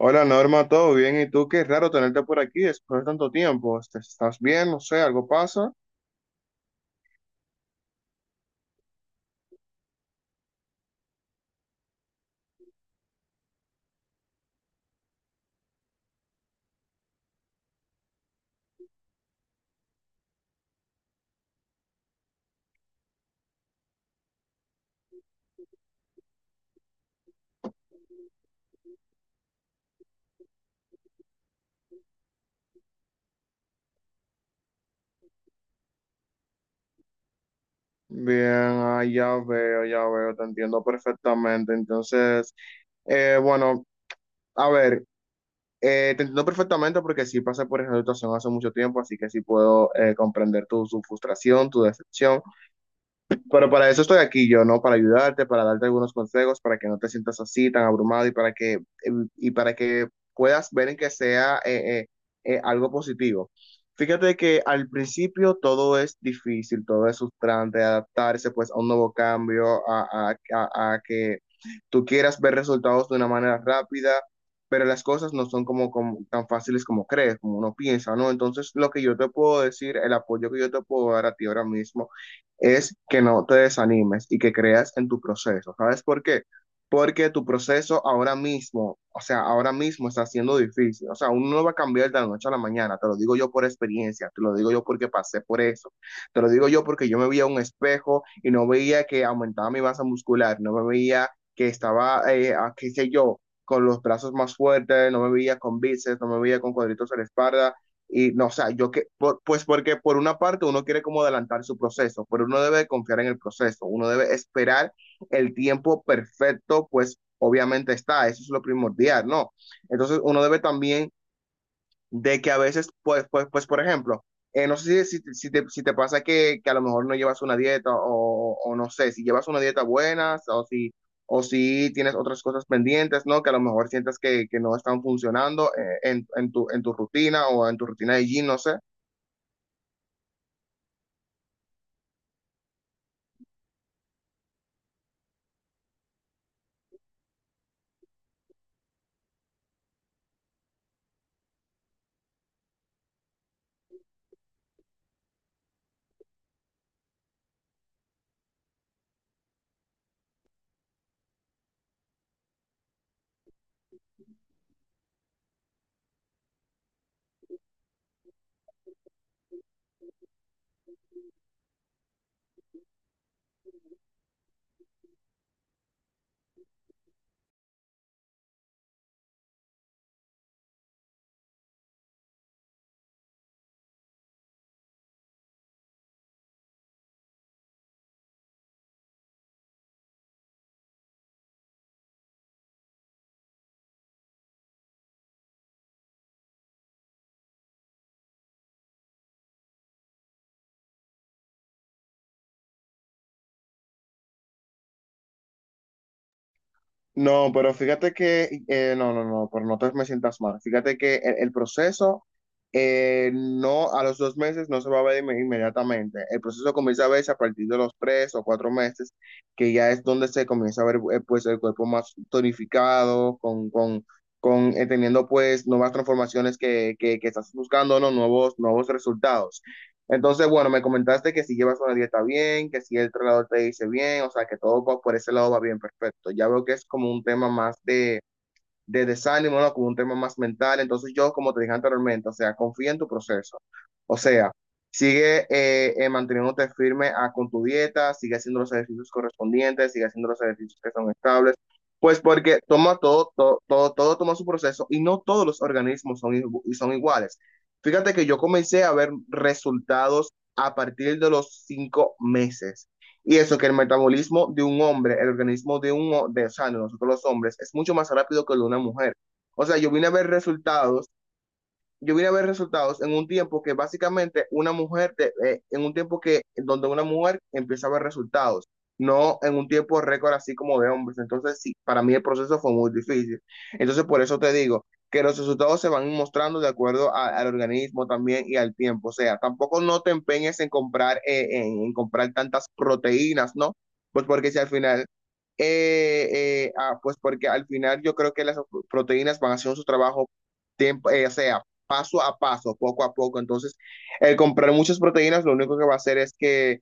Hola Norma, ¿todo bien? ¿Y tú? Qué raro tenerte por aquí después de tanto tiempo. Este, ¿estás bien? No sé, ¿algo pasa? Bien, ya veo, te entiendo perfectamente. Entonces, bueno, a ver, te entiendo perfectamente porque sí pasé por esa situación hace mucho tiempo, así que sí puedo comprender tu frustración, tu decepción. Pero para eso estoy aquí yo, ¿no? Para ayudarte, para darte algunos consejos, para que no te sientas así tan abrumado y para que puedas ver en que sea algo positivo. Fíjate que al principio todo es difícil, todo es frustrante, adaptarse pues a un nuevo cambio, a que tú quieras ver resultados de una manera rápida, pero las cosas no son como, tan fáciles como crees, como uno piensa, ¿no? Entonces, lo que yo te puedo decir, el apoyo que yo te puedo dar a ti ahora mismo es que no te desanimes y que creas en tu proceso. ¿Sabes por qué? Porque tu proceso ahora mismo, o sea, ahora mismo está siendo difícil. O sea, uno no va a cambiar de la noche a la mañana. Te lo digo yo por experiencia, te lo digo yo porque pasé por eso. Te lo digo yo porque yo me veía a un espejo y no veía que aumentaba mi masa muscular, no me veía que estaba, qué sé yo, con los brazos más fuertes, no me veía con bíceps, no me veía con cuadritos en la espalda, y no, o sea, yo que, pues porque por una parte uno quiere como adelantar su proceso, pero uno debe confiar en el proceso, uno debe esperar el tiempo perfecto, pues obviamente está, eso es lo primordial, ¿no? Entonces uno debe también de que a veces, pues por ejemplo, no sé si te pasa que a lo mejor no llevas una dieta o no sé, si llevas una dieta buena o si tienes otras cosas pendientes, ¿no? Que a lo mejor sientas que no están funcionando en tu rutina o en tu rutina de gym, no sé. No, pero fíjate que, no, no, no, pero no te me sientas mal. Fíjate que el proceso no, a los 2 meses no se va a ver inmediatamente. El proceso comienza a verse a partir de los 3 o 4 meses, que ya es donde se comienza a ver pues el cuerpo más tonificado, con teniendo pues nuevas transformaciones que estás buscando, ¿no? Nuevos, nuevos resultados. Entonces, bueno, me comentaste que si llevas una dieta bien, que si el entrenador te dice bien, o sea, que todo va por ese lado va bien, perfecto. Ya veo que es como un tema más de desánimo, ¿no? Con un tema más mental. Entonces yo, como te dije anteriormente, o sea, confía en tu proceso. O sea, sigue manteniéndote firme con tu dieta, sigue haciendo los ejercicios correspondientes, sigue haciendo los ejercicios que son estables. Pues porque toma todo, todo, todo, todo toma su proceso y no todos los organismos son iguales. Fíjate que yo comencé a ver resultados a partir de los 5 meses. Y eso que el metabolismo de un hombre, el organismo de un de o sea nosotros los hombres, es mucho más rápido que el de una mujer. O sea, yo vine a ver resultados yo vine a ver resultados en un tiempo que básicamente una mujer, en un tiempo que donde una mujer empieza a ver resultados, no en un tiempo récord así como de hombres. Entonces, sí, para mí el proceso fue muy difícil. Entonces, por eso te digo que los resultados se van mostrando de acuerdo al organismo también y al tiempo. O sea, tampoco no te empeñes en comprar, en comprar tantas proteínas, ¿no? Pues porque si al final... eh, ah, Pues porque al final yo creo que las proteínas van haciendo su trabajo tiempo, o sea, paso a paso, poco a poco. Entonces, el comprar muchas proteínas lo único que va a hacer es que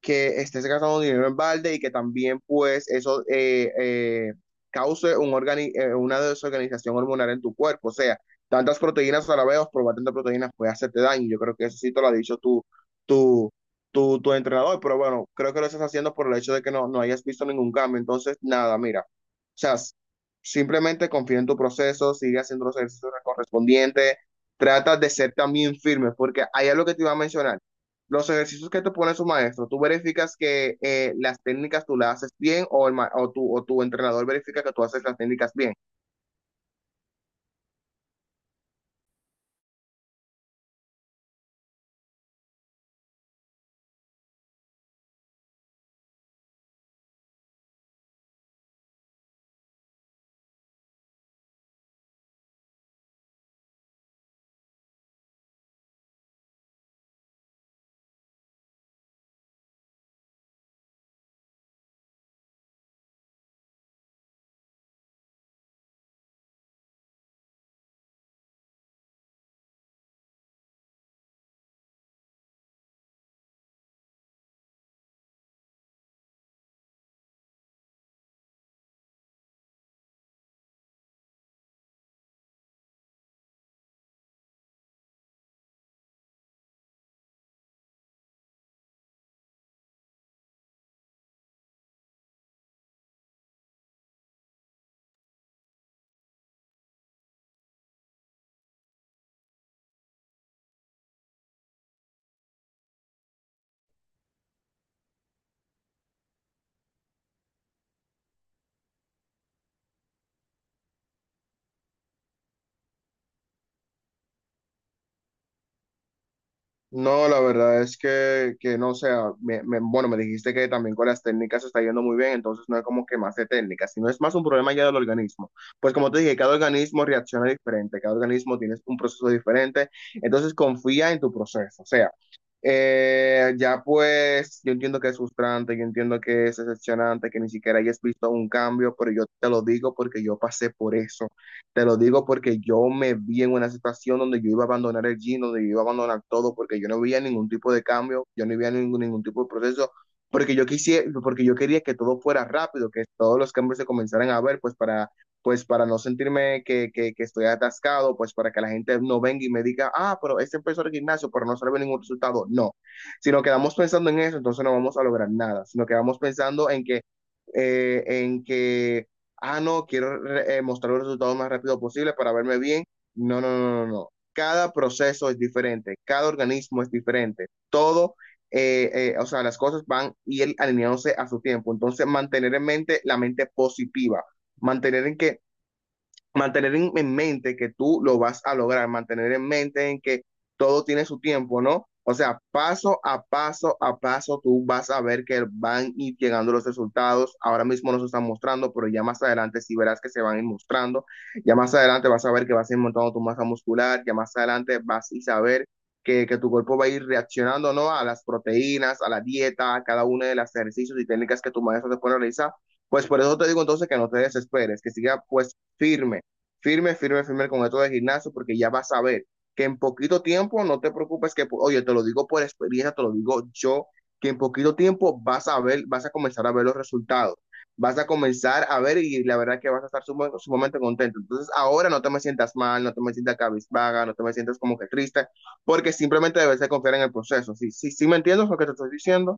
que estés gastando dinero en balde y que también pues eso cause un una desorganización hormonal en tu cuerpo. O sea, tantas proteínas a la vez, probar tantas proteínas puede hacerte daño. Yo creo que eso sí te lo ha dicho tu, tu entrenador, pero bueno, creo que lo estás haciendo por el hecho de que no hayas visto ningún cambio. Entonces, nada, mira, o sea, simplemente confía en tu proceso, sigue haciendo los ejercicios correspondientes. Trata de ser también firme, porque ahí es lo que te iba a mencionar los ejercicios que te pone su maestro, tú verificas que las técnicas tú las haces bien o, el ma- o tu entrenador verifica que tú haces las técnicas bien. No, la verdad es que no, o sea, bueno, me dijiste que también con las técnicas se está yendo muy bien, entonces no es como que más de técnicas, sino es más un problema ya del organismo. Pues como te dije, cada organismo reacciona diferente, cada organismo tiene un proceso diferente, entonces confía en tu proceso, o sea, ya pues, yo entiendo que es frustrante, yo entiendo que es decepcionante, que ni siquiera hayas visto un cambio, pero yo te lo digo porque yo pasé por eso. Te lo digo porque yo me vi en una situación donde yo iba a abandonar el gym, donde yo iba a abandonar todo, porque yo no veía ningún tipo de cambio, yo no veía ningún tipo de proceso, porque yo quisiera, porque yo quería que todo fuera rápido, que todos los cambios se comenzaran a ver, pues para no sentirme que estoy atascado, pues para que la gente no venga y me diga, ah, pero este empezó el gimnasio, pero no sale ningún resultado. No, si nos quedamos pensando en eso, entonces no vamos a lograr nada, si nos quedamos pensando en que no, quiero mostrar los resultados más rápido posible para verme bien. No, no, no, no, no. Cada proceso es diferente, cada organismo es diferente, todo, o sea, las cosas van y él alineándose a su tiempo. Entonces, mantener en mente la mente positiva, mantener en que mantener en mente que tú lo vas a lograr, mantener en mente en que todo tiene su tiempo, ¿no? O sea, paso a paso a paso, tú vas a ver que van a ir llegando los resultados. Ahora mismo no se están mostrando, pero ya más adelante sí verás que se van a ir mostrando. Ya más adelante vas a ver que vas a ir montando tu masa muscular. Ya más adelante vas a saber que tu cuerpo va a ir reaccionando, ¿no? A las proteínas, a la dieta, a cada uno de los ejercicios y técnicas que tu maestro te pone a realizar. Pues por eso te digo entonces que no te desesperes, que siga pues firme firme, firme, firme con esto de gimnasio, porque ya vas a ver que en poquito tiempo, no te preocupes que, oye, te lo digo por experiencia, te lo digo yo, que en poquito tiempo vas a ver, vas a comenzar a ver los resultados, vas a comenzar a ver y la verdad que vas a estar sumamente contento. Entonces ahora no te me sientas mal, no te me sientas cabizbaja, no te me sientas como que triste, porque simplemente debes de confiar en el proceso. Sí, sí, sí me entiendes lo que te estoy diciendo.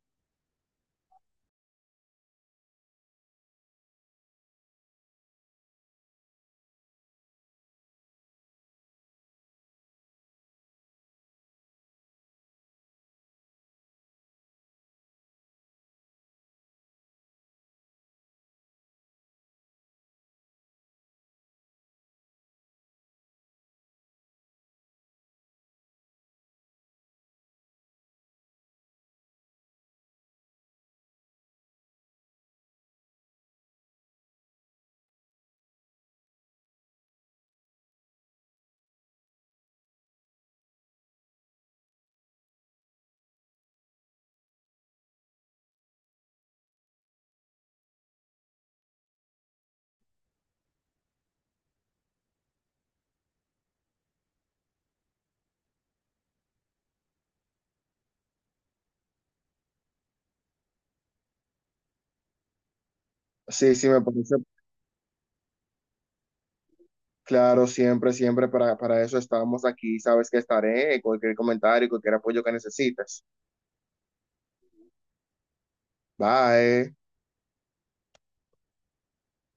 Sí, sí, me parece. Claro, siempre, siempre para eso estamos aquí. Sabes que estaré. Cualquier comentario, cualquier apoyo que necesites. Bye.